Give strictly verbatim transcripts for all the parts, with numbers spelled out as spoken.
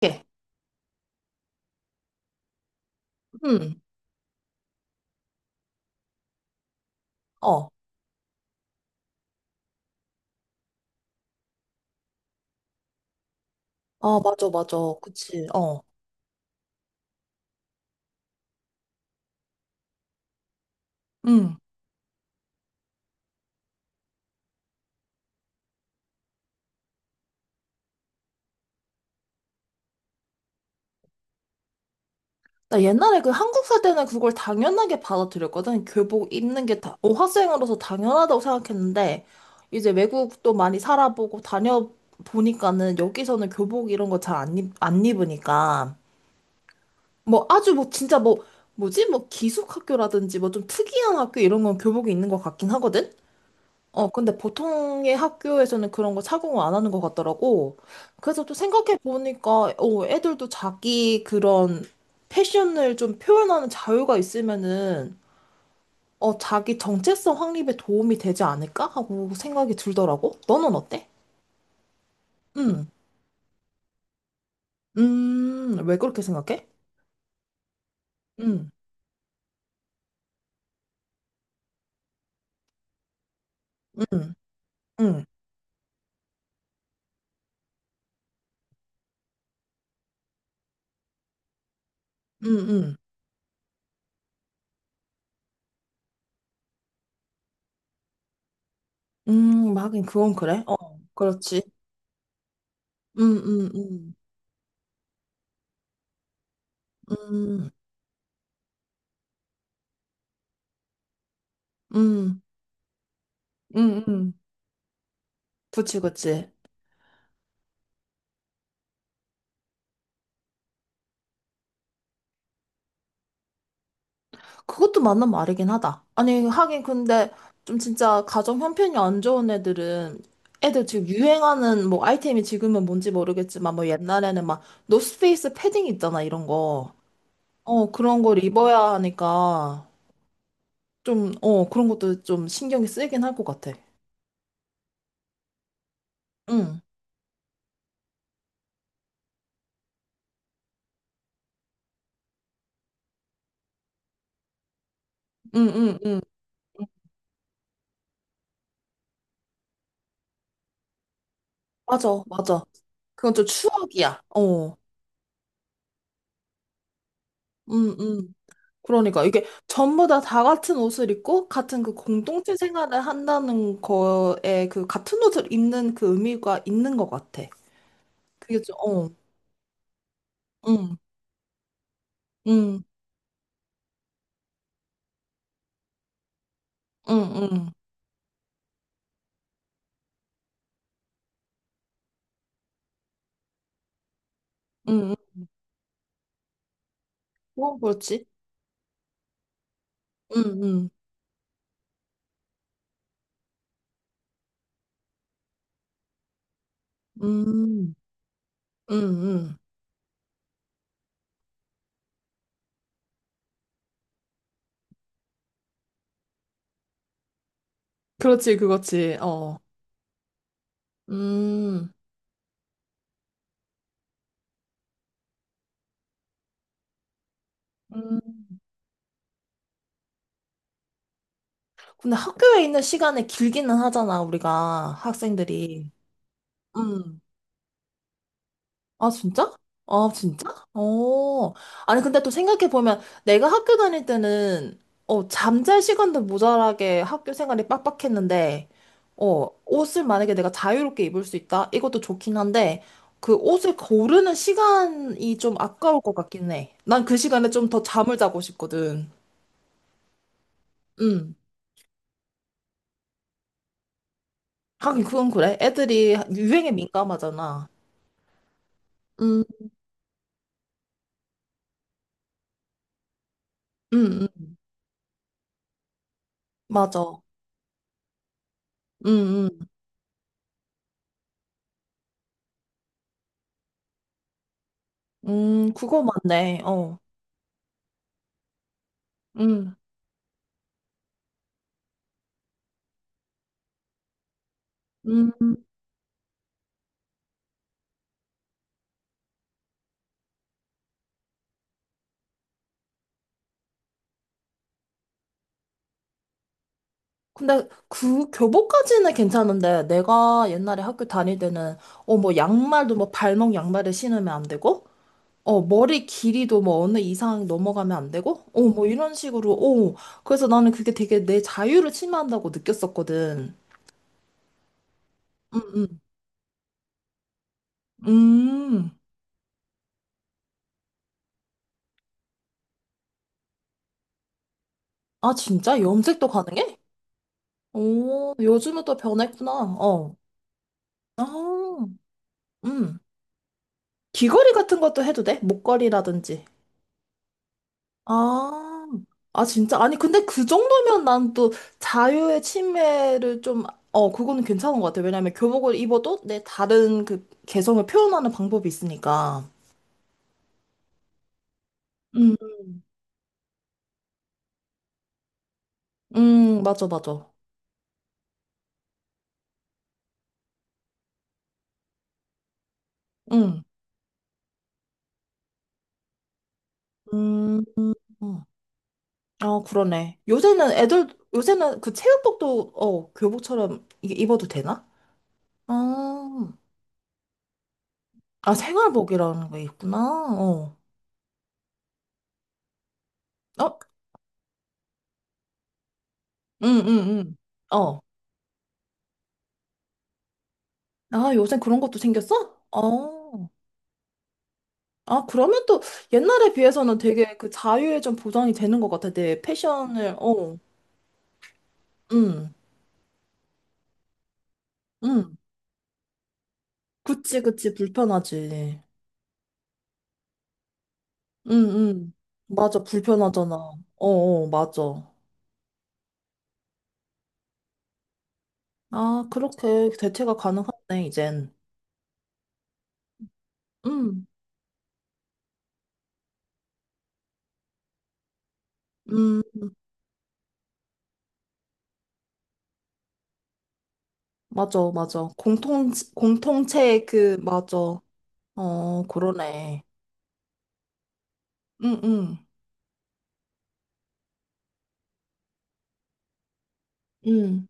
게. 음, 어. 아, 맞아, 맞아. 그치, 어. 음. 나 옛날에 그 한국 살 때는 그걸 당연하게 받아들였거든. 교복 입는 게 다, 어, 학생으로서 당연하다고 생각했는데, 이제 외국도 많이 살아보고 다녀보니까는 여기서는 교복 이런 거 잘 안 입, 안 입으니까. 뭐 아주 뭐 진짜 뭐, 뭐지? 뭐 기숙학교라든지 뭐 좀 특이한 학교 이런 건 교복이 있는 것 같긴 하거든? 어, 근데 보통의 학교에서는 그런 거 착용을 안 하는 것 같더라고. 그래서 또 생각해 보니까, 어, 애들도 자기 그런 패션을 좀 표현하는 자유가 있으면은, 어, 자기 정체성 확립에 도움이 되지 않을까 하고 생각이 들더라고. 너는 어때? 응. 음, 왜 그렇게 생각해? 응, 응, 응, 응, 응. 음, 하긴 그건 그래. 어, 그렇지. 음, 음, 음, 음, 음, 음, 음. 그치, 그치. 그것도 맞는 말이긴 하다. 아니, 하긴 근데 좀 진짜 가정 형편이 안 좋은 애들은 애들 지금 유행하는 뭐 아이템이 지금은 뭔지 모르겠지만 뭐 옛날에는 막 노스페이스 패딩 있잖아, 이런 거. 어, 그런 걸 입어야 하니까 좀, 어, 그런 것도 좀 신경이 쓰이긴 할 것 같아. 응, 응, 응, 응. 맞아, 맞아. 그건 좀 추억이야. 어, 응, 응. 그러니까 이게 전부 다 다 같은 옷을 입고 같은 그 공동체 생활을 한다는 거에 그 같은 옷을 입는 그 의미가 있는 것 같아. 그게 좀, 어, 응, 응, 응, 응, 응, 응. 응. 어, 그렇지? 응, 응, 응, 응, 응. 그렇지, 그렇지, 어. 음, 음. 근데 학교에 있는 시간이 길기는 하잖아, 우리가, 학생들이. 음. 아, 진짜? 아, 진짜? 어. 아니, 근데 또 생각해보면 내가 학교 다닐 때는, 어, 잠잘 시간도 모자라게 학교 생활이 빡빡했는데, 어, 옷을 만약에 내가 자유롭게 입을 수 있다? 이것도 좋긴 한데, 그 옷을 고르는 시간이 좀 아까울 것 같긴 해. 난 그 시간에 좀 더 잠을 자고 싶거든. 음. 하긴 그건 그래. 애들이 유행에 민감하잖아. 음, 음, 음. 맞아. 음, 음. 음, 그거 맞네. 어. 음. 음, 근데 그 교복까지는 괜찮은데 내가 옛날에 학교 다닐 때는 어 뭐 양말도 뭐 발목 양말을 신으면 안 되고 어 머리 길이도 뭐 어느 이상 넘어가면 안 되고 어 뭐 이런 식으로 어 그래서 나는 그게 되게 내 자유를 침해한다고 느꼈었거든. 음, 음. 음. 아 진짜 염색도 가능해? 오 요즘은 또 변했구나. 어. 아, 음. 귀걸이 같은 것도 해도 돼? 목걸이라든지. 아, 아, 진짜? 아니, 근데 그 정도면 난 또 자유의 침해를 좀, 어, 그거는 괜찮은 것 같아. 왜냐면 교복을 입어도 내 다른 그 개성을 표현하는 방법이 있으니까. 음, 음, 맞아, 맞아. 음, 음, 음. 음. 아, 그러네. 요새는 애들, 요새는 그 체육복도, 어, 교복처럼 이게 입어도 되나? 아, 아, 생활복이라는 게 있구나. 어, 어, 응, 응, 응. 어. 아, 요새 그런 것도 생겼어? 어. 아, 그러면 또 옛날에 비해서는 되게 그 자유에 좀 보장이 되는 것 같아. 내 패션을, 어, 응, 응. 그치, 그치, 불편하지. 응, 응. 맞아, 불편하잖아. 어, 어, 맞아. 아, 그렇게 대체가 가능하네, 이젠. 응, 응, 맞아, 맞아. 공통, 공통체의 그, 맞아. 어, 그러네. 응, 응, 응.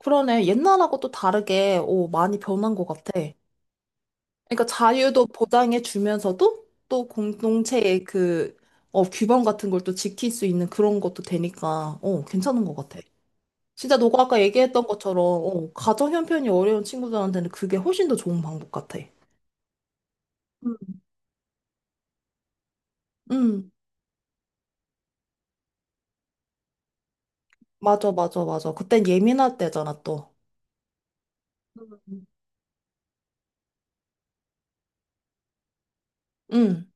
그러네. 옛날하고 또 다르게, 오, 많이 변한 것 같아. 그러니까 자유도 보장해 주면서도 또 공동체의 그 어, 규범 같은 걸 또 지킬 수 있는 그런 것도 되니까 어, 괜찮은 것 같아. 진짜 너가 아까 얘기했던 것처럼 어, 가정 형편이 어려운 친구들한테는 그게 훨씬 더 좋은 방법 같아. 음, 응, 맞아, 맞아, 맞아. 그땐 예민할 때잖아, 또. 음. 응,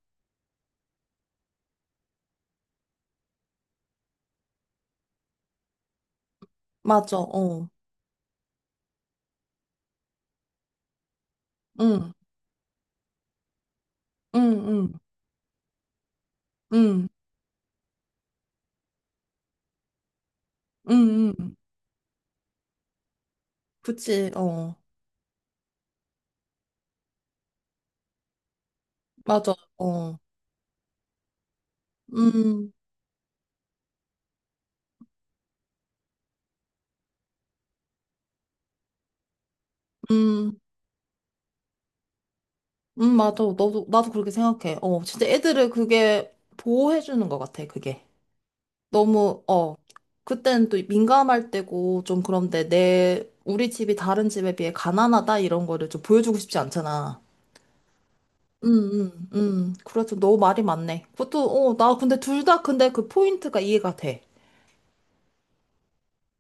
맞아, 어. 응, 응, 응, 응, 응, 응. 그치, 어. 맞아, 어. 음, 음. 음, 맞아. 너도, 나도 그렇게 생각해. 어, 진짜 애들을 그게 보호해주는 것 같아, 그게. 너무, 어. 그때는 또 민감할 때고, 좀 그런데 내, 우리 집이 다른 집에 비해 가난하다, 이런 거를 좀 보여주고 싶지 않잖아. 응, 응, 응. 그래서 너 말이 맞네. 그것도, 어, 나 근데 둘 다 근데 그 포인트가 이해가 돼.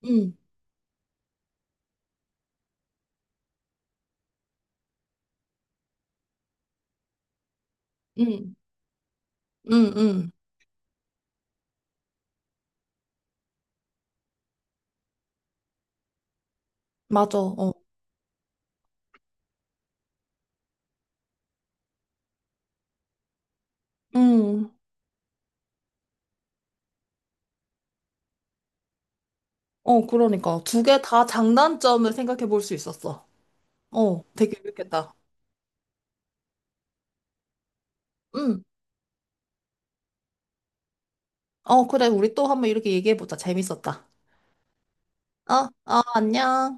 응, 응, 응, 응. 맞아, 어. 응. 어, 그러니까. 두 개 다 장단점을 생각해 볼 수 있었어. 어, 되게 유익했다. 응. 어, 그래. 우리 또 한번 이렇게 얘기해보자. 재밌었다. 어, 어, 안녕.